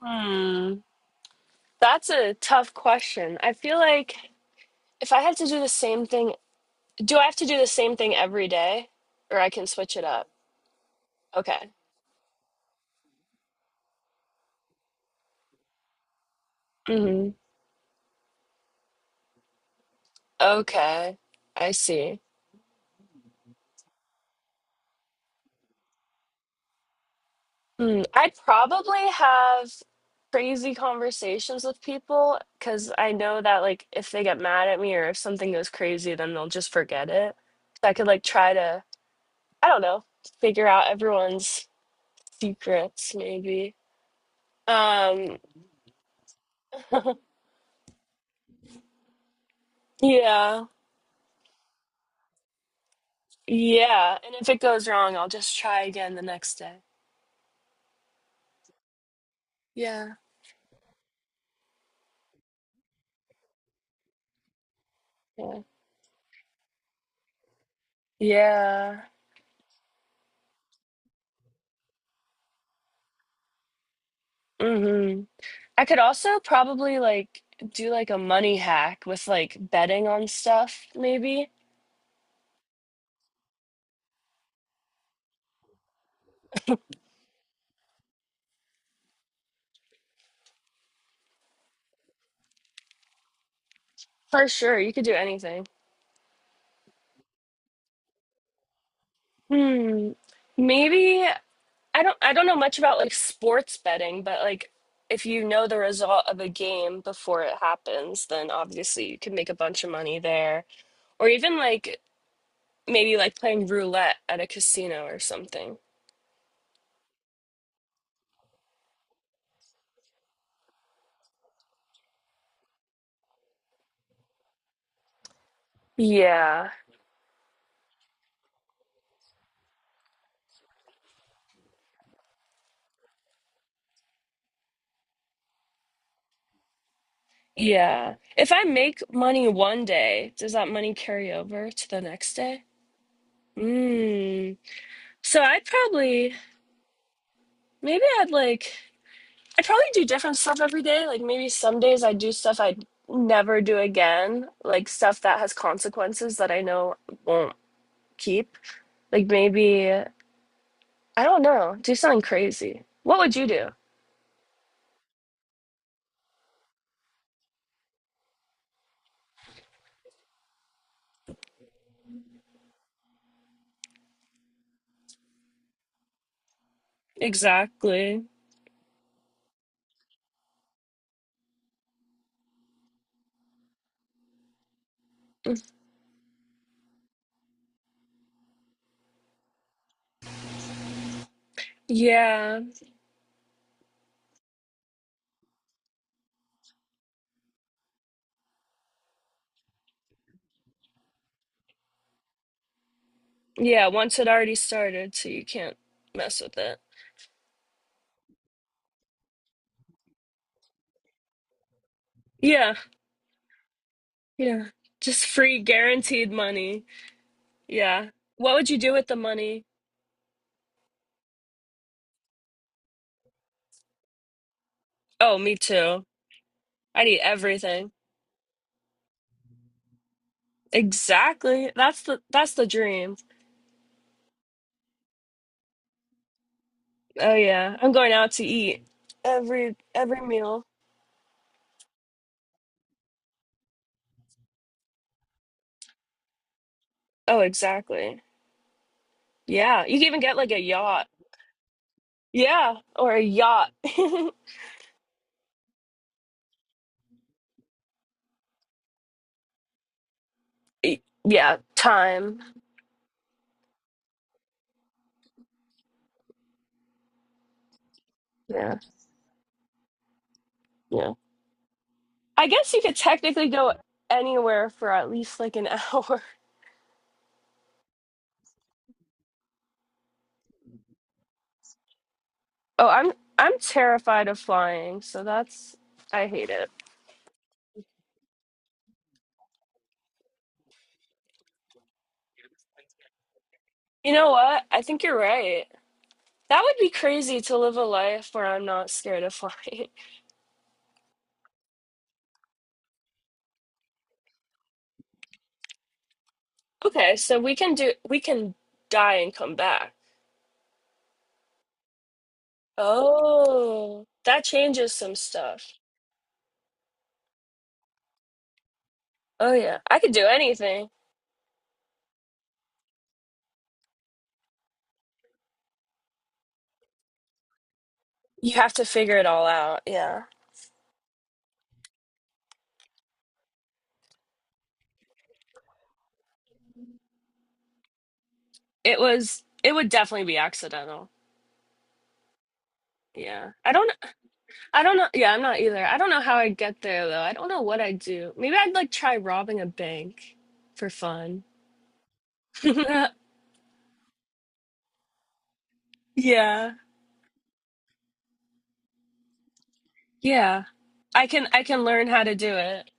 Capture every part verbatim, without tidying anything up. Hmm, that's a tough question. I feel like if I had to do the same thing, do I have to do the same thing every day or I can switch it up? Okay. Hmm. Okay. I see. Hmm. I'd probably have crazy conversations with people because I know that like if they get mad at me or if something goes crazy, then they'll just forget it. So I could like try to, I don't know, figure out everyone's secrets maybe. Um, yeah. Yeah, and if it goes wrong, I'll just try again the next day. Yeah. Yeah. Yeah. Hmm. I could also probably like do like a money hack with like betting on stuff, maybe. For sure, you could do anything. Hmm. Maybe I don't I don't know much about like sports betting, but like if you know the result of a game before it happens, then obviously you could make a bunch of money there. Or even like maybe like playing roulette at a casino or something. Yeah. Yeah. If I make money one day, does that money carry over to the next day? Mm. So I'd probably, maybe I'd like, I'd probably do different stuff every day. Like maybe some days I do stuff I'd never do again, like stuff that has consequences that I know won't keep. Like maybe, I don't know, do something crazy. What would you do? Exactly. Yeah. Yeah. Once it already started, so you can't mess with it. Yeah. Yeah. Just free guaranteed money. Yeah. What would you do with the money? Oh, me too. I need everything. Exactly. That's the that's the dream. Oh yeah. I'm going out to eat every every meal. Oh, exactly. Yeah. You can even get like a yacht. Yeah, or a yacht. Y- Yeah, time. Yeah. Yeah. I guess you could technically go anywhere for at least like an hour. Oh, I'm I'm terrified of flying, so that's I hate it. You know what? I think you're right. That would be crazy to live a life where I'm not scared of flying. Okay, so we can do we can die and come back. Oh, that changes some stuff. Oh yeah, I could do anything. You have to figure it all out. Yeah. It was it would definitely be accidental. Yeah. I don't I don't know. Yeah, I'm not either. I don't know how I get there though. I don't know what I'd do. Maybe I'd like try robbing a bank for fun. Yeah. Yeah. I can I can learn how to do it.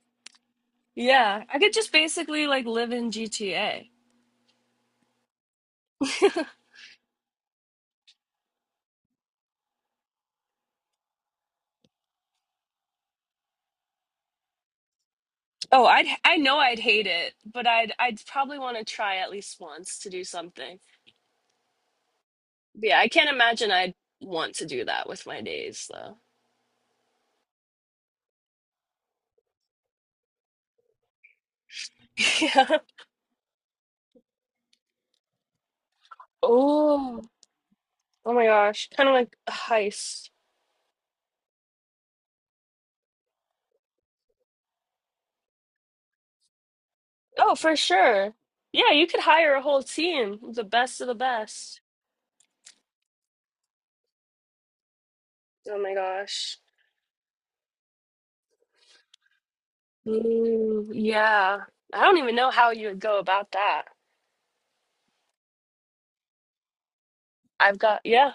Yeah. I could just basically like live in G T A. Oh, I'd I know I'd hate it, but I'd I'd probably want to try at least once to do something. But yeah, I can't imagine I'd want to do that with my days though. Yeah. Oh. Oh my gosh. Kind of like a heist. Oh, for sure. Yeah, you could hire a whole team, the best of the best. Oh my gosh. Mm, yeah. I don't even know how you would go about that. I've got, yeah.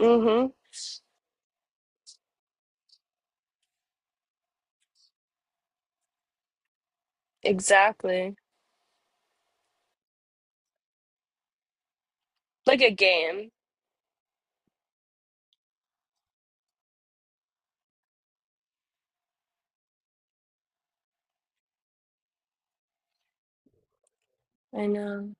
Mm-hmm. Exactly. Like a game. I know.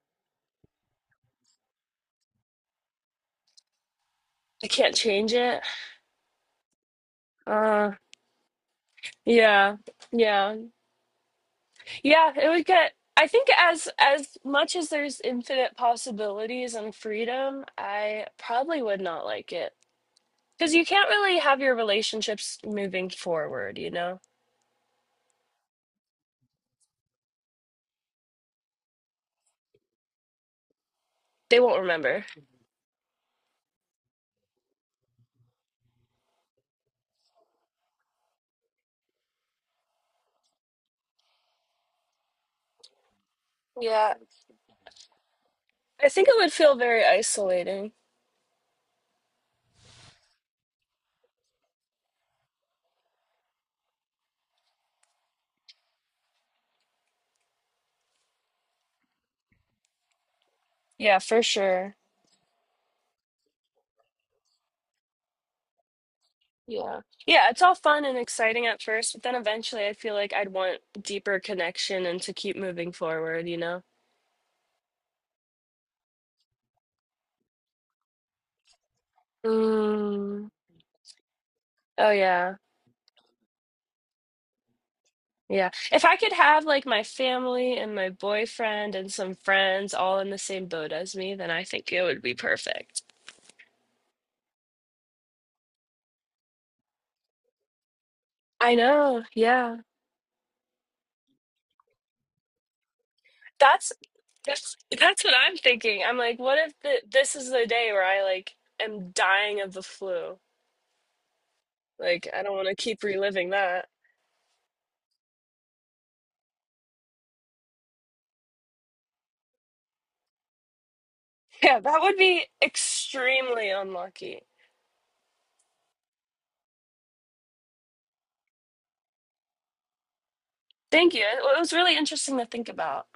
I can't change it. Uh, yeah. Yeah. Yeah, it would get I think as as much as there's infinite possibilities and freedom, I probably would not like it. Because you can't really have your relationships moving forward, you know? They won't remember. Yeah. I think it would feel very isolating. Yeah, for sure. Yeah. Yeah, it's all fun and exciting at first, but then eventually I feel like I'd want deeper connection and to keep moving forward, you know? Mm. Oh, yeah. Yeah. If I could have like my family and my boyfriend and some friends all in the same boat as me, then I think it would be perfect. I know. Yeah. That's that's that's what I'm thinking. I'm like, what if the, this is the day where I like am dying of the flu? Like, I don't want to keep reliving that. Yeah, that would be extremely unlucky. Thank you. It was really interesting to think about.